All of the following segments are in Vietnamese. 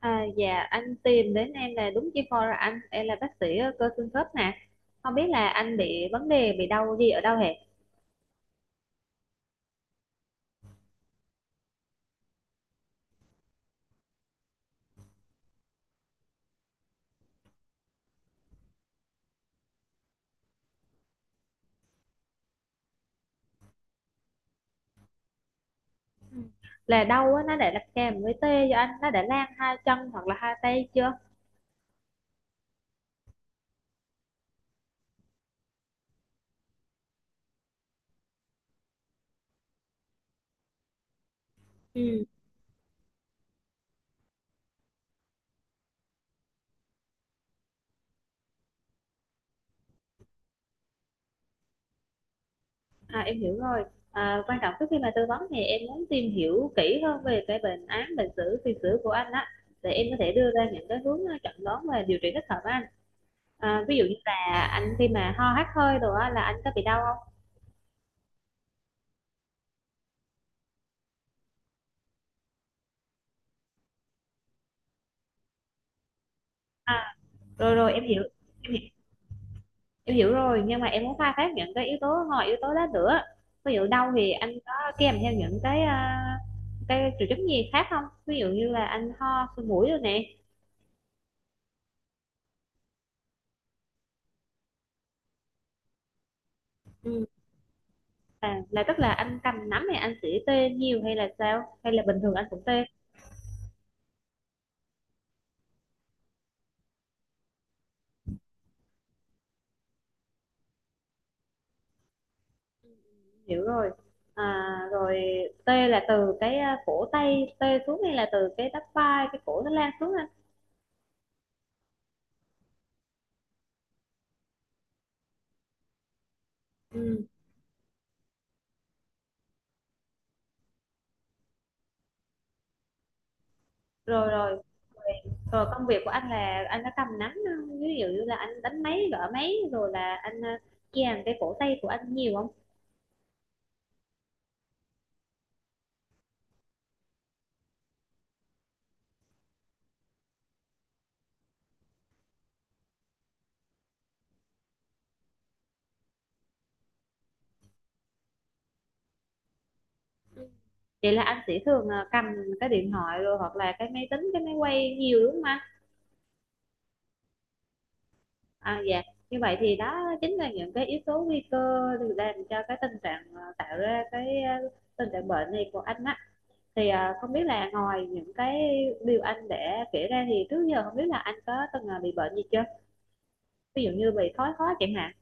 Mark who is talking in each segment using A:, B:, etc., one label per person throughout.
A: À, dạ anh tìm đến em là đúng chuyên khoa rồi. Anh em là bác sĩ cơ xương khớp nè. Không biết là anh bị vấn đề bị đau gì ở đâu hệ, là đau á, nó đã là kèm với tê cho anh, nó đã lan hai chân hoặc là hai tay chưa? ừ em hiểu rồi. Quan trọng trước khi mà tư vấn thì em muốn tìm hiểu kỹ hơn về cái bệnh án, bệnh sử, tiền sử của anh á, để em có thể đưa ra những cái hướng chẩn đoán và điều trị thích hợp với anh. Ví dụ như là anh khi mà ho hắt hơi rồi á là anh có bị đau không? à rồi rồi em hiểu. Em hiểu rồi, nhưng mà em muốn khai thác những cái yếu tố ngoài yếu tố đó nữa. Ví dụ đâu thì anh có kèm theo những cái cái triệu chứng gì khác không, ví dụ như là anh ho sổ mũi rồi nè? Ừ. Là tức là anh cầm nắm thì anh sẽ tê nhiều, hay là sao, hay là bình thường anh cũng tê? Hiểu rồi. à, Rồi tê là từ cái cổ tay tê xuống, hay là từ cái bắp vai, cái cổ nó lan xuống anh? Ừ. Rồi rồi. Rồi công việc của anh là anh có cầm nắm ví dụ như là anh đánh máy, gõ máy rồi là anh kèm cái cổ tay của anh nhiều không? Vậy là anh sẽ thường cầm cái điện thoại rồi, hoặc là cái máy tính, cái máy quay nhiều đúng không anh? À dạ. Như vậy thì đó chính là những cái yếu tố nguy cơ được làm cho cái tình trạng tạo ra cái tình trạng bệnh này của anh á. Thì không biết là ngoài những cái điều anh đã kể ra thì trước giờ không biết là anh có từng bị bệnh gì chưa? Ví dụ như bị thoái hóa chẳng hạn.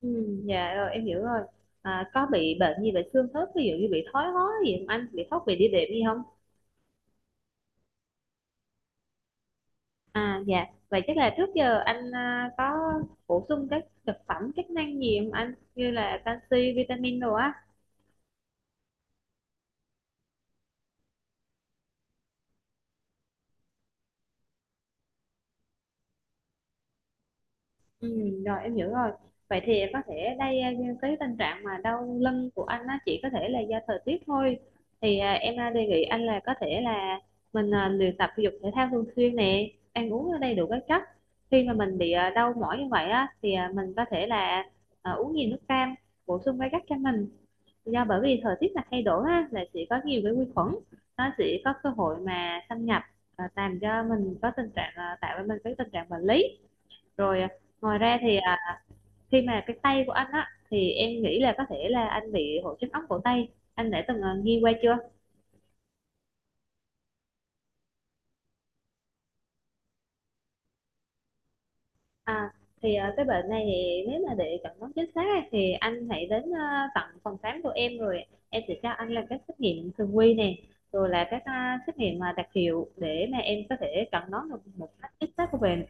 A: Ừ, dạ rồi em hiểu rồi. À, có bị bệnh gì về xương khớp, ví dụ như bị thoái hóa gì không anh? Bị thoát vị đĩa đệm gì không? À dạ. Vậy chắc là trước giờ anh có bổ sung các thực phẩm chức năng gì không anh? Như là canxi, vitamin đồ á. Rồi em hiểu rồi. Vậy thì có thể đây cái tình trạng mà đau lưng của anh á chỉ có thể là do thời tiết thôi. Thì em đề nghị anh là có thể là mình luyện tập thể dục thể thao thường xuyên nè, ăn uống đầy đủ các chất. Khi mà mình bị đau mỏi như vậy á thì mình có thể là uống nhiều nước cam, bổ sung các chất cho mình. Do bởi vì thời tiết là thay đổi á là sẽ có nhiều cái vi khuẩn, nó sẽ có cơ hội mà xâm nhập làm cho mình có tình trạng tạo ra mình cái tình trạng bệnh lý. Rồi ngoài ra thì khi mà cái tay của anh á, thì em nghĩ là có thể là anh bị hội chứng ống cổ tay. Anh đã từng, nghe qua chưa? À, thì, cái bệnh này thì nếu mà để chẩn đoán chính xác á, thì anh hãy đến, tận phòng khám của em, rồi em sẽ cho anh làm các xét nghiệm thường quy nè, rồi là các, xét nghiệm mà đặc hiệu để mà em có thể chẩn đoán được một cách chính xác của bệnh.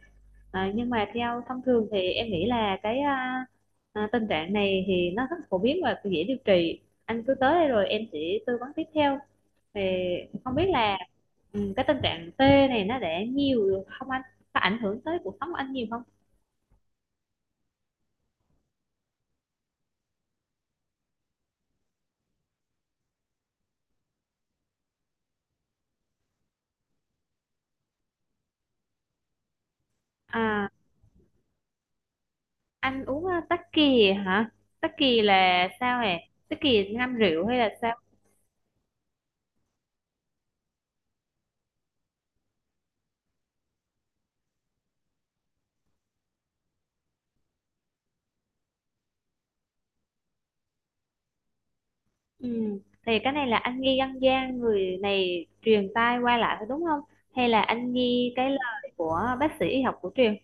A: À, nhưng mà theo thông thường thì em nghĩ là cái, tình trạng này thì nó rất phổ biến và dễ điều trị. Anh cứ tới đây rồi em sẽ tư vấn tiếp theo. Thì không biết là cái tình trạng tê này nó để nhiều được không anh, có ảnh hưởng tới cuộc sống của anh nhiều không? à anh uống tắc kè hả? Tắc kè là sao hề? Tắc kè ngâm rượu hay là sao? Ừ. Thì cái này là anh nghi dân gian người này truyền tai qua lại phải đúng không, hay là anh nghi cái lời của bác sĩ y học cổ truyền?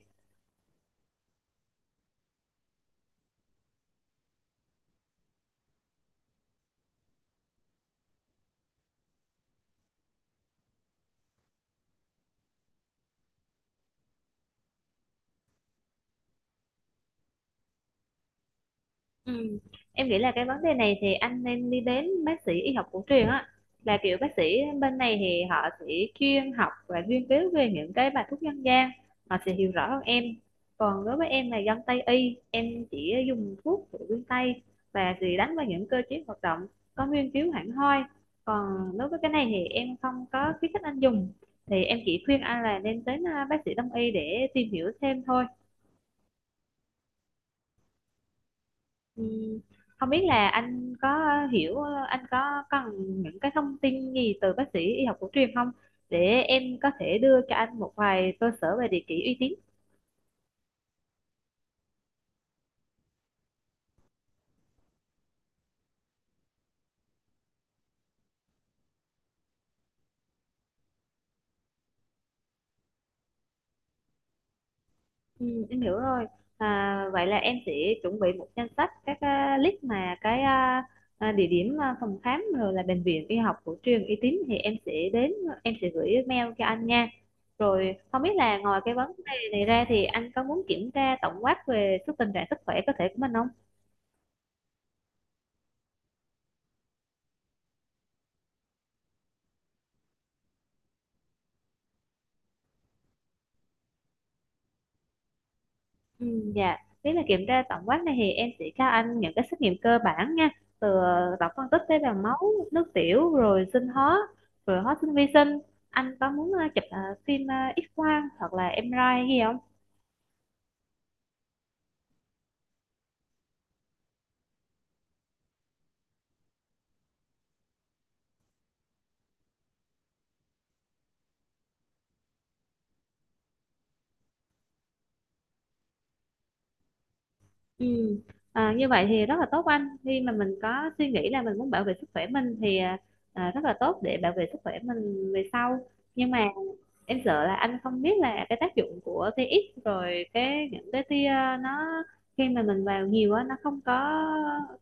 A: Ừ. Em nghĩ là cái vấn đề này thì anh nên đi đến bác sĩ y học cổ truyền á, là kiểu bác sĩ bên này thì họ sẽ chuyên học và nghiên cứu về những cái bài thuốc dân gian, họ sẽ hiểu rõ hơn em. Còn đối với em là dân Tây y, em chỉ dùng thuốc của phương Tây và chỉ đánh vào những cơ chế hoạt động có nghiên cứu hẳn hoi. Còn đối với cái này thì em không có khuyến khích anh dùng, thì em chỉ khuyên anh là nên đến bác sĩ đông y để tìm hiểu thêm thôi. Ừ, không biết là anh có hiểu, anh có cần những cái thông tin gì từ bác sĩ y học cổ truyền không, để em có thể đưa cho anh một vài cơ sở về địa chỉ uy tín. Ừ, em hiểu rồi. À, vậy là em sẽ chuẩn bị một danh sách các list mà cái địa điểm, phòng khám rồi là bệnh viện y học cổ truyền uy tín, thì em sẽ đến, em sẽ gửi mail cho anh nha. Rồi không biết là ngoài cái vấn đề này ra thì anh có muốn kiểm tra tổng quát về sức tình trạng sức khỏe cơ thể của mình không? Ừ, dạ, nếu là kiểm tra tổng quát này thì em sẽ cho anh những cái xét nghiệm cơ bản nha, từ tổng phân tích tế bào máu, nước tiểu, rồi sinh hóa, rồi hóa sinh, vi sinh. Anh có muốn chụp phim X-quang hoặc là em MRI gì không? Ừ. À, như vậy thì rất là tốt anh. Khi mà mình có suy nghĩ là mình muốn bảo vệ sức khỏe mình thì rất là tốt để bảo vệ sức khỏe mình về sau. Nhưng mà em sợ là anh không biết là cái tác dụng của TX rồi cái những cái tia nó khi mà mình vào nhiều á nó không có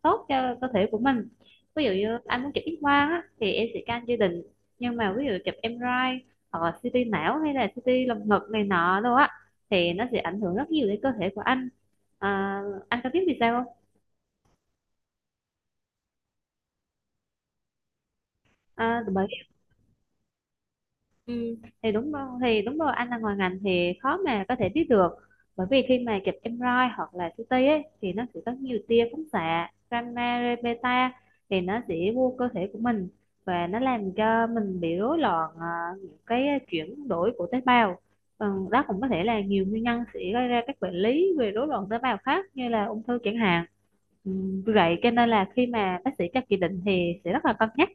A: tốt cho cơ thể của mình. Ví dụ như anh muốn chụp X quang á thì em sẽ can gia đình, nhưng mà ví dụ chụp MRI hoặc là CT não, hay là CT lồng ngực này nọ đâu á thì nó sẽ ảnh hưởng rất nhiều đến cơ thể của anh. à, anh có biết vì sao không? À, bởi Ừ, thì đúng rồi anh là ngoài ngành thì khó mà có thể biết được. Bởi vì khi mà chụp MRI hoặc là CT ấy, thì nó sẽ có nhiều tia phóng xạ gamma ray beta, thì nó sẽ vô cơ thể của mình, và nó làm cho mình bị rối loạn những cái chuyển đổi của tế bào. Ừ, đó cũng có thể là nhiều nguyên nhân sẽ gây ra các bệnh lý về rối loạn tế bào khác, như là ung thư chẳng hạn. Ừ, vì vậy cho nên là khi mà bác sĩ cho chỉ định thì sẽ rất là cân nhắc,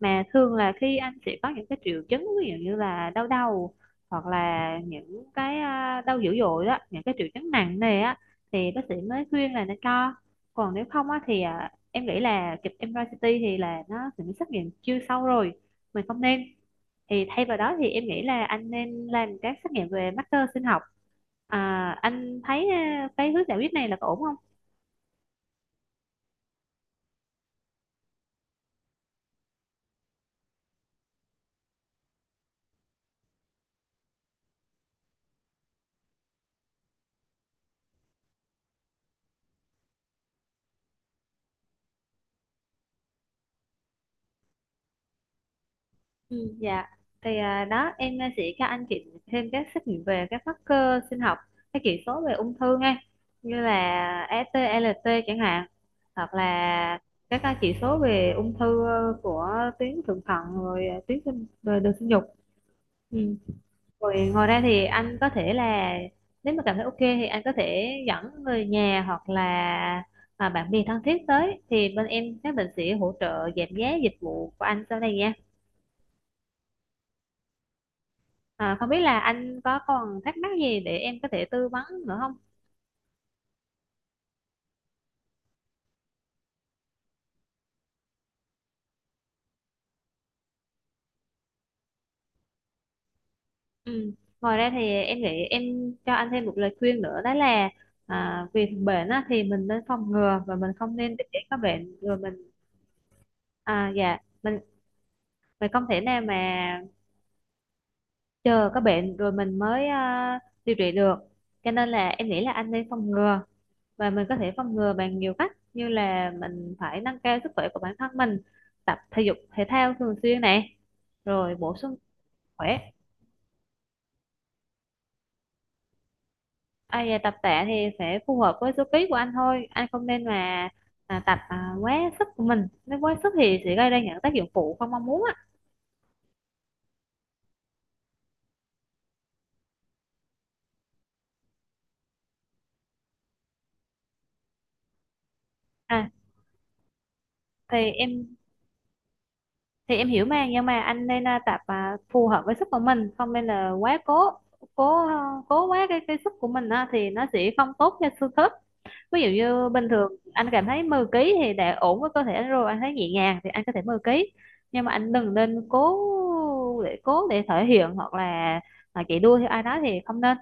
A: mà thường là khi anh sẽ có những cái triệu chứng, ví dụ như là đau đầu, hoặc là những cái đau dữ dội đó, những cái triệu chứng nặng này á, thì bác sĩ mới khuyên là nên cho. Còn nếu không á thì em nghĩ là chụp MRI, CT thì là nó sẽ xét nghiệm chưa sâu rồi, mình không nên. Thì thay vào đó thì em nghĩ là anh nên làm các xét nghiệm về marker sinh học. Anh thấy cái hướng giải quyết này là có ổn không? Ừ, dạ, thì đó em sẽ cho anh chị thêm các xét nghiệm về các marker sinh học, các chỉ số về ung thư nghe, như là ST, LT chẳng hạn, hoặc là các chỉ số về ung thư của tuyến thượng thận, rồi tuyến sinh, rồi đường sinh dục. Ừ. Rồi ngoài ra thì anh có thể là, nếu mà cảm thấy ok thì anh có thể dẫn người nhà hoặc là bạn bè thân thiết tới, thì bên em các bệnh sĩ hỗ trợ giảm giá dịch vụ của anh sau này nha. À, không biết là anh có còn thắc mắc gì để em có thể tư vấn nữa không? Ừ. Ngoài ra thì em nghĩ em cho anh thêm một lời khuyên nữa, đó là việc bệnh á, thì mình nên phòng ngừa và mình không nên để có bệnh rồi mình dạ, mình mình không thể nào mà chờ có bệnh rồi mình mới điều trị được. Cho nên là em nghĩ là anh nên phòng ngừa, và mình có thể phòng ngừa bằng nhiều cách, như là mình phải nâng cao sức khỏe của bản thân mình, tập thể dục thể thao thường xuyên này, rồi bổ sung khỏe. À, về tập tạ thì sẽ phù hợp với số ký của anh thôi, anh không nên mà tập quá sức của mình, nếu quá sức thì sẽ gây ra những tác dụng phụ không mong muốn á. à, thì em hiểu mà, nhưng mà anh nên tập phù hợp với sức của mình, không nên là quá cố, cố à, cố quá cái sức của mình á, thì nó sẽ không tốt cho xương khớp. Ví dụ như bình thường anh cảm thấy 10 ký thì đã ổn với cơ thể anh rồi, anh thấy nhẹ nhàng thì anh có thể 10 ký, nhưng mà anh đừng nên cố để thể hiện, hoặc là chạy đua theo ai đó thì không nên.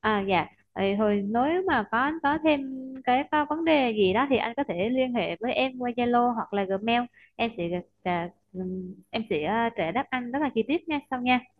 A: À dạ, vậy thôi nếu mà có anh có thêm có vấn đề gì đó thì anh có thể liên hệ với em qua Zalo hoặc là Gmail. Em sẽ em sẽ trả đáp anh rất là chi tiết nha sau nha.